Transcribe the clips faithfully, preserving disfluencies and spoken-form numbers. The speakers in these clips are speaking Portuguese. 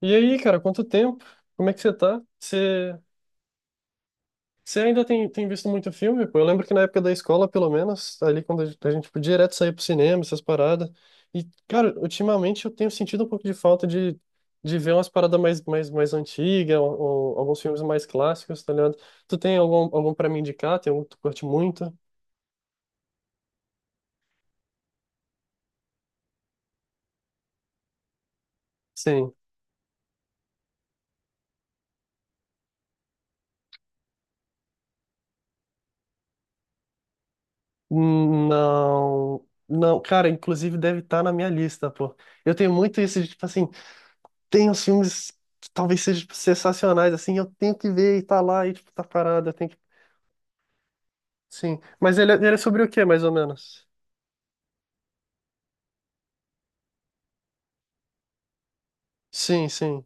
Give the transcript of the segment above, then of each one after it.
E aí, cara, quanto tempo? Como é que você tá? Você, você ainda tem, tem visto muito filme? Pô, eu lembro que na época da escola, pelo menos, ali quando a gente, a gente podia direto sair pro cinema, essas paradas. E, cara, ultimamente eu tenho sentido um pouco de falta de, de ver umas paradas mais, mais, mais antigas, ou, ou alguns filmes mais clássicos, tá ligado? Tu tem algum, algum pra me indicar? Tem algum que tu curte muito? Sim. Hum. Não. Não, cara, inclusive deve estar na minha lista, pô. Eu tenho muito isso de, tipo assim, tem os filmes que talvez sejam sensacionais, assim, eu tenho que ver e tá lá e, tipo, tá parado, eu tenho que... Sim, mas ele, é- ele é sobre o quê, mais ou menos? Sim, sim.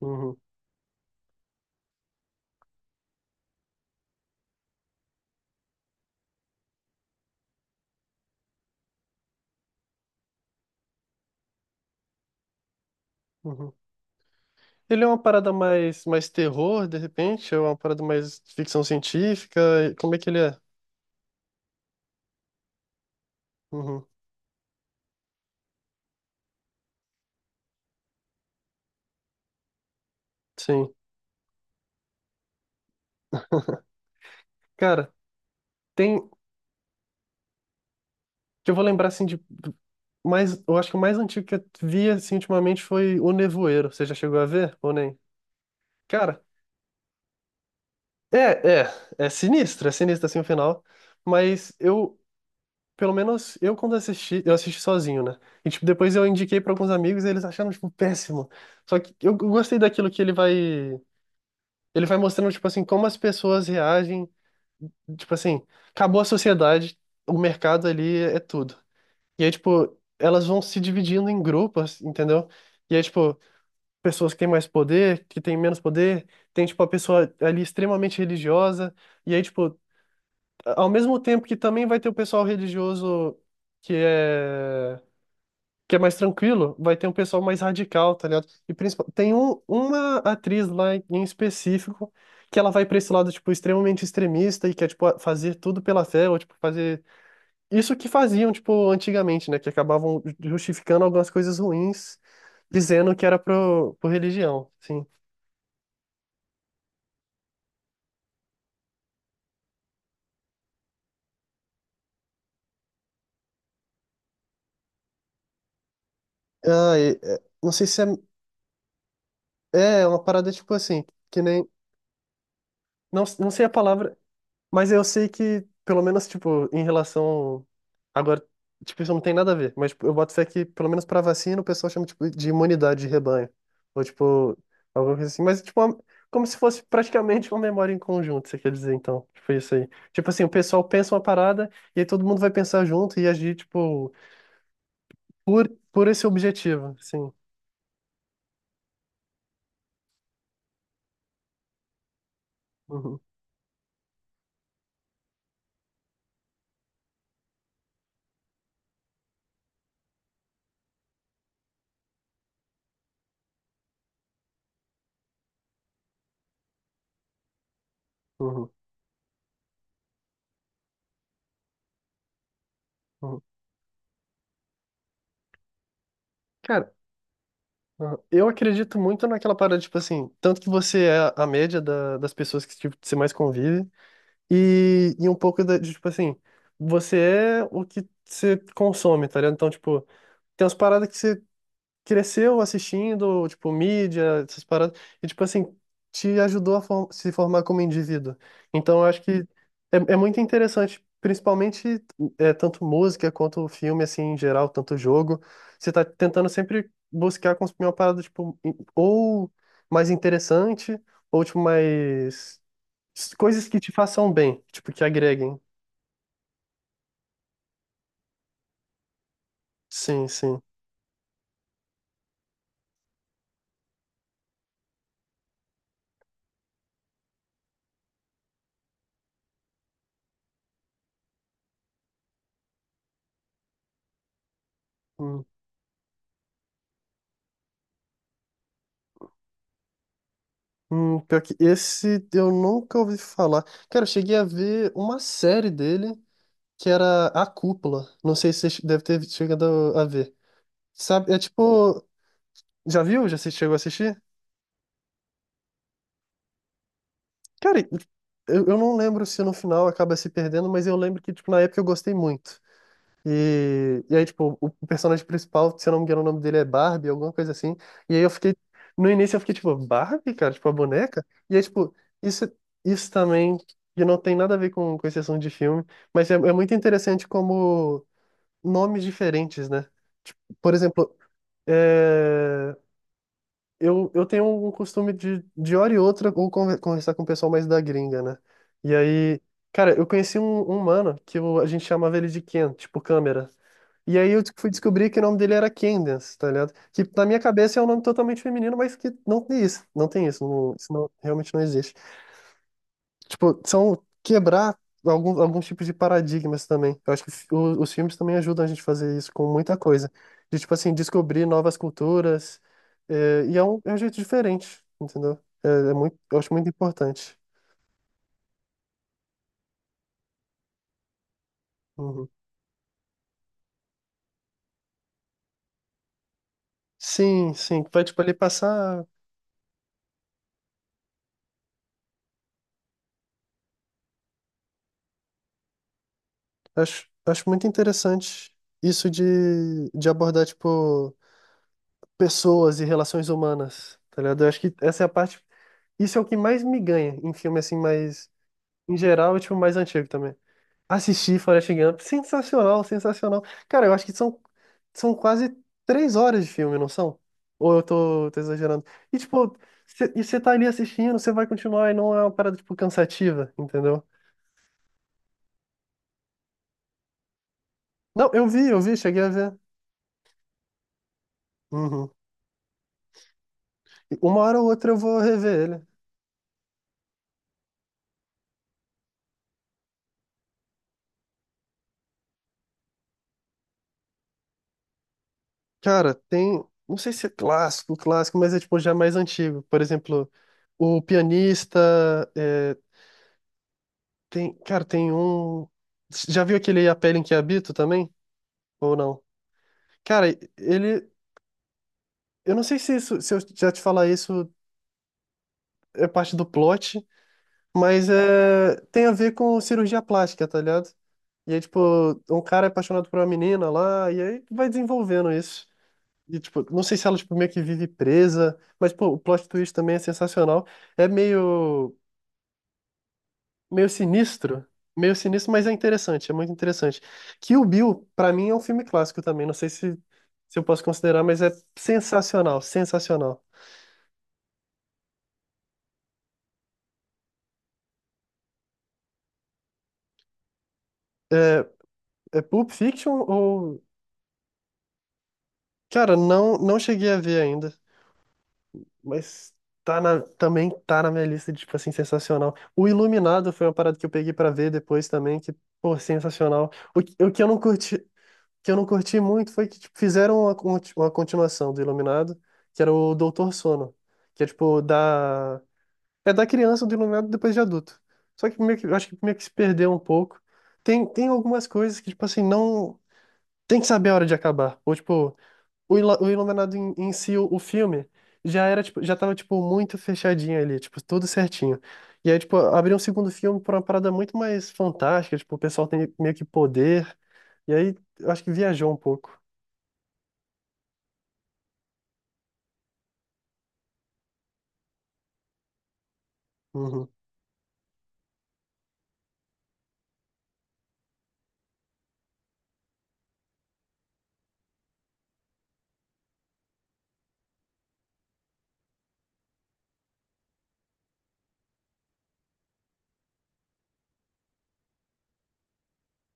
Uhum, uhum. Ele é uma parada mais, mais terror, de repente? Ou é uma parada mais ficção científica? E como é que ele é? Uhum, sim. Cara, tem... que eu vou lembrar, assim, de... do- mais, eu acho que o mais antigo que eu vi, assim, ultimamente foi O Nevoeiro. Você já chegou a ver ou nem? Cara, é, é. É sinistro, é sinistro, assim, o final. Mas eu, Pelo menos eu quando assisti, eu assisti sozinho, né? E tipo, depois eu indiquei pra alguns amigos e eles acharam tipo péssimo. Só que eu gostei daquilo que ele vai ele vai mostrando tipo assim como as pessoas reagem, tipo assim, acabou a sociedade, o mercado ali é tudo. E aí tipo, elas vão se dividindo em grupos, entendeu? E aí tipo, pessoas que têm mais poder, que têm menos poder, tem tipo a pessoa ali extremamente religiosa, e aí tipo, ao mesmo tempo que também vai ter o pessoal religioso que é que é mais tranquilo, vai ter um pessoal mais radical, tá ligado? E principal, tem um, uma atriz lá em específico que ela vai pra esse lado, tipo, extremamente extremista e quer, tipo, a- fazer tudo pela fé, ou, tipo, fazer isso que faziam, tipo, antigamente, né? Que acabavam justificando algumas coisas ruins, dizendo que era pro, por religião, sim. Ah, e- é, não sei se é, é uma parada, tipo, assim, que nem, não, não sei a palavra. Mas eu sei que, pelo menos, tipo, em relação. Agora, tipo, isso não tem nada a ver, mas tipo, eu boto fé que, pelo menos pra vacina, o pessoal chama, tipo, de imunidade de rebanho. Ou, tipo, alguma coisa assim. Mas, tipo, uma- como se fosse praticamente uma memória em conjunto, você quer dizer, então. Tipo, isso aí. Tipo assim, o pessoal pensa uma parada e aí todo mundo vai pensar junto e agir, tipo, por, por esse objetivo, assim. Uhum, uhum, uhum. Cara. Uhum. Eu acredito muito naquela parada, tipo assim, tanto que você é a média da- das pessoas que tipo, você mais convive. E, e um pouco da, de, tipo assim, você é o que você consome, tá ligado? Então, tipo, tem umas paradas que você cresceu assistindo, tipo, mídia, essas paradas, e, tipo assim, te ajudou a for- se formar como indivíduo. Então, eu acho que é, é muito interessante, principalmente é, tanto música quanto filme, assim, em geral, tanto jogo. Você tá tentando sempre buscar consumir uma parada, tipo, in- ou mais interessante, ou, tipo, mais. S- Coisas que te façam bem, tipo, que agreguem. Sim, sim. Hum, hum, pior que esse eu nunca ouvi falar. Cara, eu cheguei a ver uma série dele que era A Cúpula. Não sei se você deve ter chegado a ver. Sabe, é tipo. Já viu? Já se chegou a assistir? Cara, eu, eu não lembro se no final acaba se perdendo, mas eu lembro que, tipo, na época eu gostei muito. E, e aí, tipo, o o personagem principal, se eu não me engano, o nome dele é Barbie, alguma coisa assim. E aí eu fiquei, no início eu fiquei, tipo, Barbie, cara, tipo, a boneca? E aí, tipo, isso, isso também, que não tem nada a ver com, com esse assunto de filme, mas é, é muito interessante como nomes diferentes, né? Por exemplo, é, eu, eu tenho um costume de, de hora e outra, ou conver- conversar com o pessoal mais da gringa, né? E aí, cara, eu conheci um, um mano que eu- a gente chamava ele de Ken, tipo câmera. E aí eu fui descobrir que o nome dele era Candace, tá ligado? Que na minha cabeça é um nome totalmente feminino, mas que não tem isso, não tem isso, não- isso não- realmente não existe. Tipo, são quebrar algum, alguns tipos de paradigmas também. Eu acho que fi- o- os filmes também ajudam a gente a fazer isso com muita coisa. De, tipo assim, descobrir novas culturas. É, e é um, é um jeito diferente, entendeu? É, é muito, eu acho muito importante. Uhum. Sim, sim. Vai, tipo, ali passar. Acho, acho muito interessante isso de, de abordar, tipo, pessoas e relações humanas, tá ligado? Eu acho que essa é a parte. Isso é o que mais me ganha em filme, assim, mais. Em geral, e, tipo, mais antigo também. Assisti Forrest Gump. Sensacional, sensacional. Cara, eu acho que são, são quase três horas de filme, não são? Ou eu tô, tô exagerando? E, tipo, cê- e você tá ali assistindo, você vai continuar e não é uma parada, tipo, cansativa, entendeu? Não, eu vi, eu vi, cheguei a ver. Uhum. E uma hora ou outra eu vou rever ele. Cara, tem. Não sei se é clássico, clássico, mas é, tipo, já mais antigo. Por exemplo, O Pianista. É, tem, cara, tem um. Já viu aquele A Pele em que Habito também? Ou não? Cara, ele. Eu não sei se isso, se eu já te falar isso é parte do plot, mas é, tem a ver com cirurgia plástica, tá ligado? E aí, tipo, um cara é apaixonado por uma menina lá, e aí vai desenvolvendo isso. E, tipo, não sei se ela, tipo, meio que vive presa, mas, pô, o plot twist também é sensacional. É meio, meio sinistro, meio sinistro, mas é interessante, é muito interessante. Kill Bill, pra mim, é um filme clássico também, não sei se, se eu posso considerar, mas é sensacional, sensacional. É Pulp Fiction ou. Cara, não, não cheguei a ver ainda, mas tá na, também tá na minha lista de, tipo assim, sensacional. O Iluminado foi uma parada que eu peguei pra ver depois também, que, pô, sensacional. O, que- o que eu não curti, que eu não curti muito foi que tipo, fizeram uma, conti- uma continuação do Iluminado, que era o Doutor Sono, que é tipo da. É da criança do Iluminado depois de adulto. Só que meio que, eu acho que meio que se perdeu um pouco. Tem, tem algumas coisas que, tipo assim, não. Tem que saber a hora de acabar. Ou, tipo. o, Ila- o Iluminado em, em si, o, o filme, já era, tipo, já tava, tipo, muito fechadinho ali, tipo, tudo certinho. E aí, tipo, abriu um segundo filme pra uma parada muito mais fantástica, tipo, o pessoal tem meio que poder. E aí, eu acho que viajou um pouco. Uhum,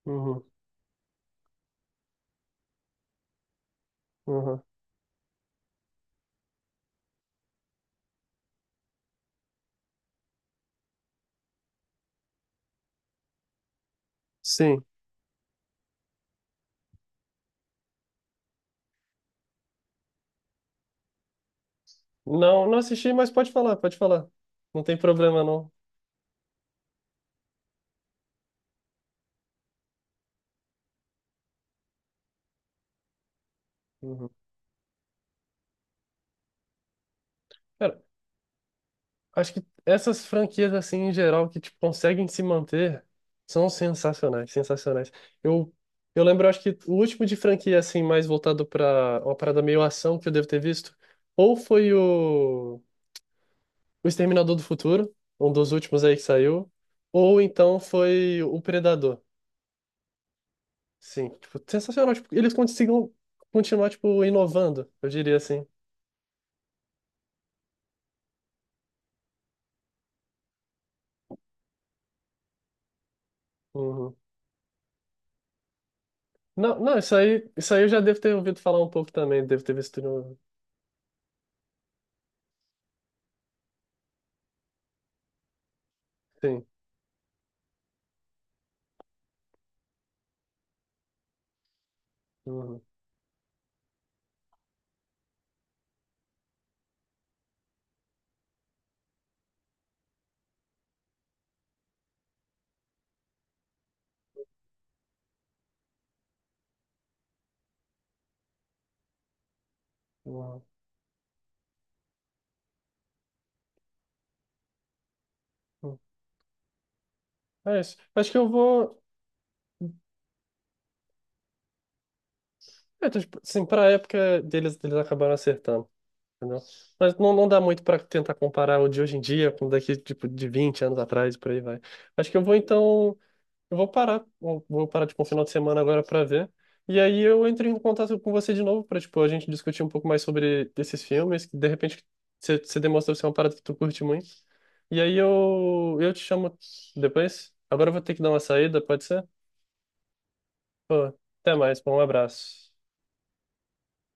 uhum, uhum. Sim. Não, não assisti, mas pode falar, pode falar. Não tem problema, não. Uhum. Acho que essas franquias, assim, em geral, que, tipo, conseguem se manter, são sensacionais, sensacionais. Eu, eu lembro, acho que o último de franquia, assim, mais voltado para uma parada meio ação que eu devo ter visto, ou foi o, o Exterminador do Futuro, um dos últimos aí que saiu, ou então foi o Predador. Sim, tipo, sensacional. Tipo, eles conseguem continuar, tipo, inovando, eu diria assim. Uhum. Não, não, isso aí, isso aí eu já devo ter ouvido falar um pouco também, devo ter visto no... Sim. Uhum. Não, não. É isso. Acho que eu vou. É, então, tipo, assim, pra época deles, eles acabaram acertando, entendeu? Mas não, não dá muito pra tentar comparar o de hoje em dia com o daqui, tipo, de vinte anos atrás, por aí vai. Acho que eu vou, então. Eu vou parar. Vou vou parar, tipo, um final de semana agora pra ver. E aí eu entro em contato com você de novo pra, tipo, a gente discutir um pouco mais sobre esses filmes, que de repente você você demonstra ser uma parada que tu curte muito. E aí eu, eu te chamo depois. Agora eu vou ter que dar uma saída, pode ser? Pô, até mais, pô, um abraço.